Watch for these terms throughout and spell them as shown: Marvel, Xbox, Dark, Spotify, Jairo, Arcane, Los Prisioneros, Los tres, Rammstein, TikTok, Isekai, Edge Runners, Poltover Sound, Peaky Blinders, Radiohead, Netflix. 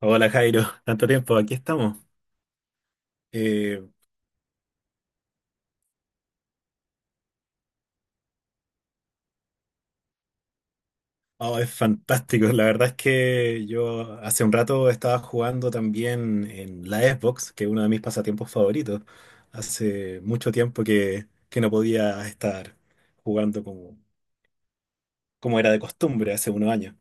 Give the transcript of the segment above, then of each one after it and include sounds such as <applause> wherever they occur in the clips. Hola Jairo, tanto tiempo, aquí estamos. Eh, oh, es fantástico, la verdad es que yo hace un rato estaba jugando también en la Xbox, que es uno de mis pasatiempos favoritos. Hace mucho tiempo que no podía estar jugando como era de costumbre hace unos años.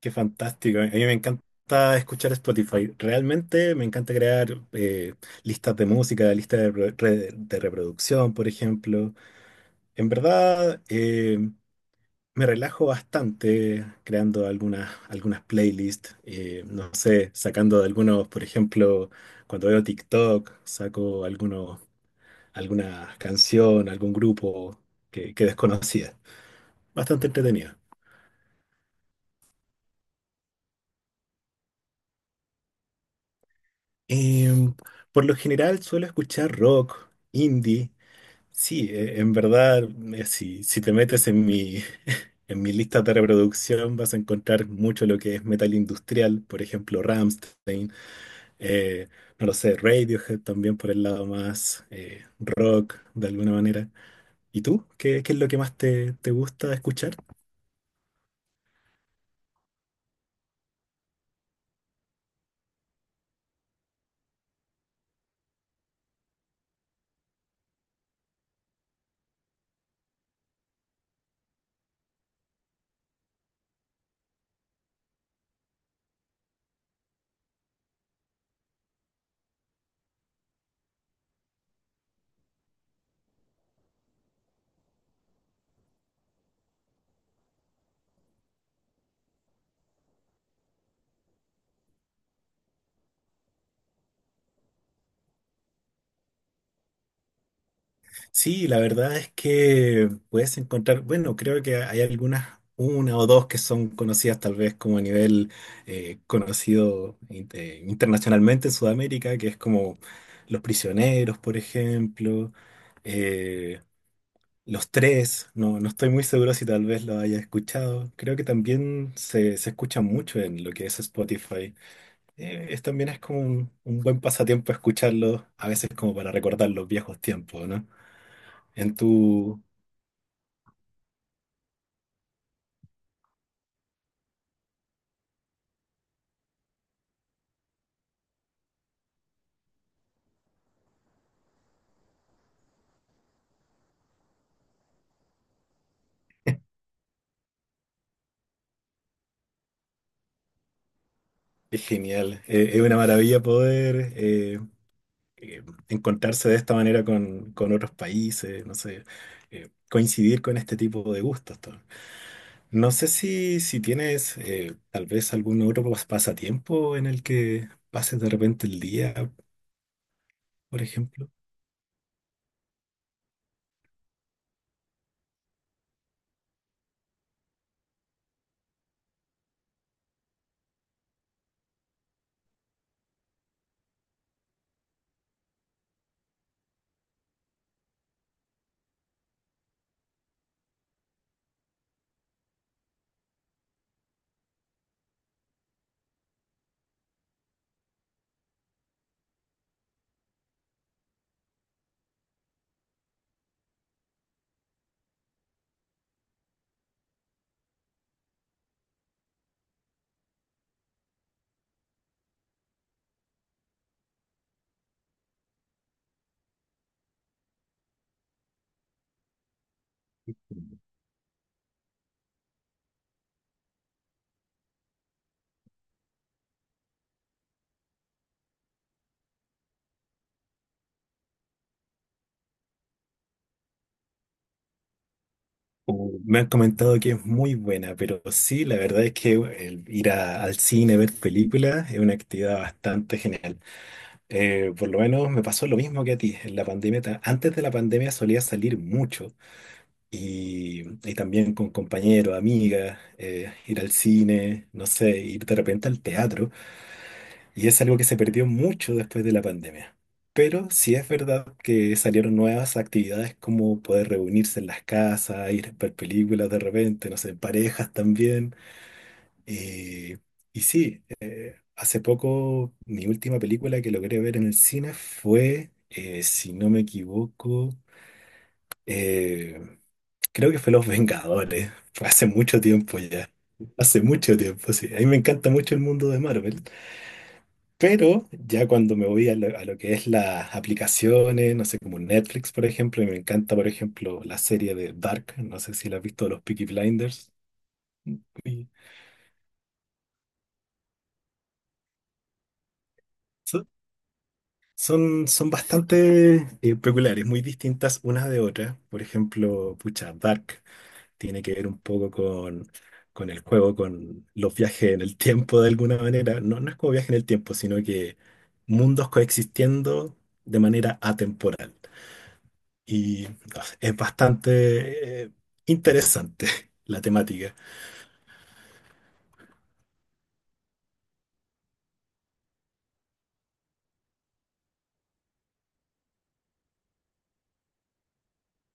Qué fantástico, a mí me encanta escuchar Spotify, realmente me encanta crear listas de música, listas de reproducción, por ejemplo. En verdad... eh, Me relajo bastante creando algunas playlists, no sé, sacando de algunos, por ejemplo, cuando veo TikTok, saco algunos, alguna canción, algún grupo que desconocía. Bastante entretenido. Em, por lo general suelo escuchar rock, indie. Sí, en verdad, si te metes en mi, <laughs> en mi lista de reproducción vas a encontrar mucho lo que es metal industrial, por ejemplo, Rammstein. Eh, no lo sé, Radiohead también por el lado más rock de alguna manera. ¿Y tú? ¿Qué es lo que más te gusta escuchar? Sí, la verdad es que puedes encontrar, bueno, creo que hay algunas, una o dos que son conocidas tal vez como a nivel conocido internacionalmente en Sudamérica, que es como Los Prisioneros, por ejemplo. eh, Los tres, no, no estoy muy seguro si tal vez lo haya escuchado. Creo que también se escucha mucho en lo que es Spotify. También es como un buen pasatiempo escucharlo, a veces como para recordar los viejos tiempos, ¿no? En tu... Es genial. Es una maravilla poder eh, encontrarse de esta manera con otros países, no sé, coincidir con este tipo de gustos, ¿no? No sé si tienes tal vez algún otro pasatiempo en el que pases de repente el día, por ejemplo. O me han comentado que es muy buena, pero sí, la verdad es que el ir al cine, ver películas, es una actividad bastante genial. Por lo menos me pasó lo mismo que a ti. En la pandemia, antes de la pandemia solía salir mucho y, y también con compañeros, amigas, ir al cine, no sé, ir de repente al teatro. Y es algo que se perdió mucho después de la pandemia. Pero sí es verdad que salieron nuevas actividades como poder reunirse en las casas, ir a ver películas de repente, no sé, en parejas también. Eh, y sí, hace poco mi última película que logré ver en el cine fue, si no me equivoco, eh, creo que fue Los Vengadores. <laughs> Fue hace mucho tiempo ya. Hace mucho tiempo, sí. A mí me encanta mucho el mundo de Marvel. Pero ya cuando me voy a lo, que es las aplicaciones, no sé, como Netflix, por ejemplo, y me encanta, por ejemplo, la serie de Dark, no sé si la has visto, los Peaky Blinders. y so- son, son bastante peculiares, muy distintas unas de otras. Por ejemplo, pucha, Dark tiene que ver un poco con el juego, con los viajes en el tiempo de alguna manera. No, no es como viaje en el tiempo, sino que mundos coexistiendo de manera atemporal. Y no es bastante interesante <laughs> la temática.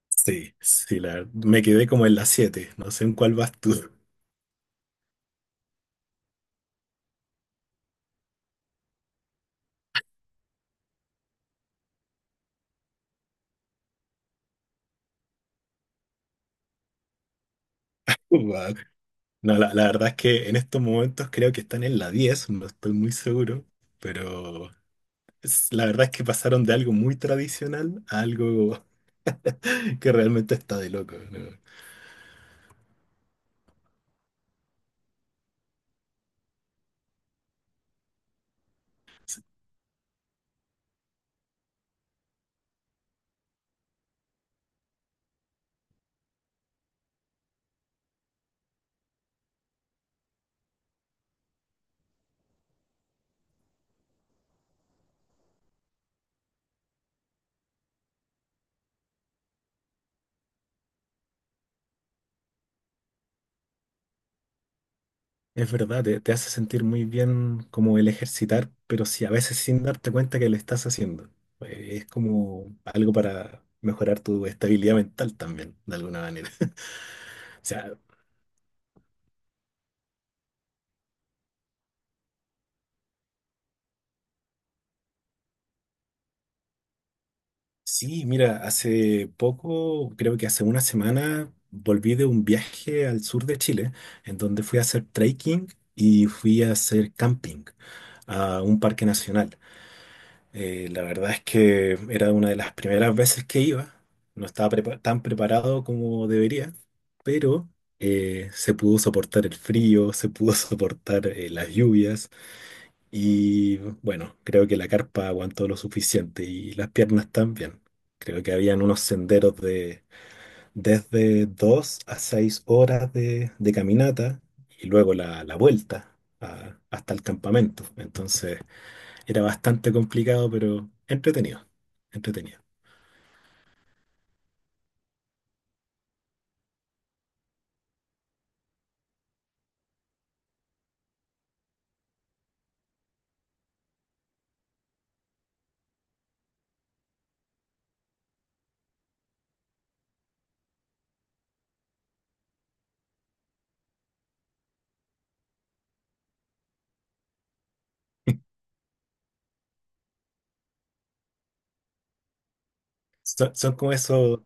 Sí, sí, me quedé como en la siete. No sé en cuál vas tú. <laughs> Guau. No, la verdad es que en estos momentos creo que están en la diez. No estoy muy seguro, pero la verdad es que pasaron de algo muy tradicional a algo <laughs> que realmente está de loco, ¿no? Es verdad, te hace sentir muy bien como el ejercitar, pero sí a veces sin darte cuenta que lo estás haciendo. Es como algo para mejorar tu estabilidad mental también, de alguna manera. <laughs> O sea, sí, mira, hace poco, creo que hace una semana, volví de un viaje al sur de Chile, en donde fui a hacer trekking y fui a hacer camping a un parque nacional. La verdad es que era una de las primeras veces que iba. No estaba tan preparado como debería, pero se pudo soportar el frío, se pudo <laughs> soportar las lluvias y bueno, creo que la carpa aguantó lo suficiente y las piernas también. Creo que habían unos senderos de desde 2 a 6 horas de caminata y luego la vuelta hasta el campamento. Entonces. Era bastante complicado, pero entretenido, entretenido. Son, son como esos,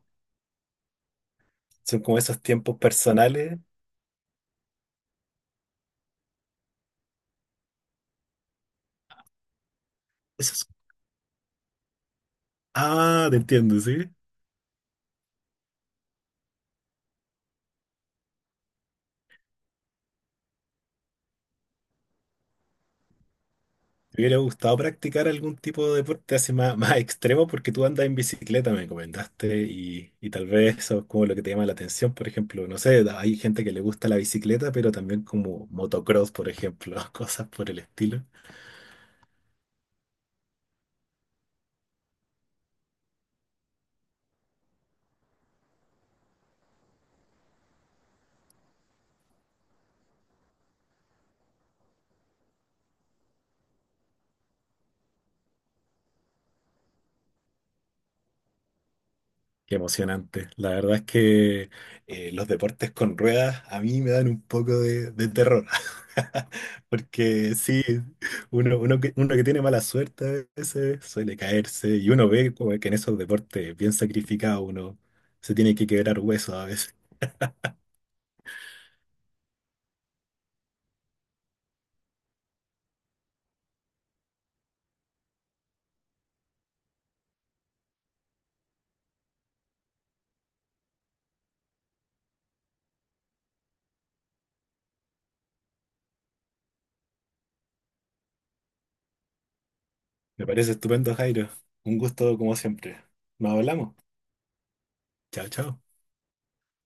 son como esos tiempos personales. Esos, ah, te entiendo, ¿sí? Me hubiera gustado practicar algún tipo de deporte así más, <laughs> más extremo porque tú andas en bicicleta, me comentaste, y tal vez eso es como lo que te llama la atención. Por ejemplo, no sé, hay gente que le gusta la bicicleta, pero también como motocross, por ejemplo, <laughs> cosas por el estilo. Qué emocionante. La verdad es que los deportes con ruedas a mí me dan un poco de terror. <laughs> Porque sí, uno que tiene mala suerte a veces suele caerse y uno ve como que en esos deportes bien sacrificados uno se tiene que quebrar huesos a veces. Me parece estupendo, Jairo. Un gusto como siempre. Nos hablamos. Chao, chao.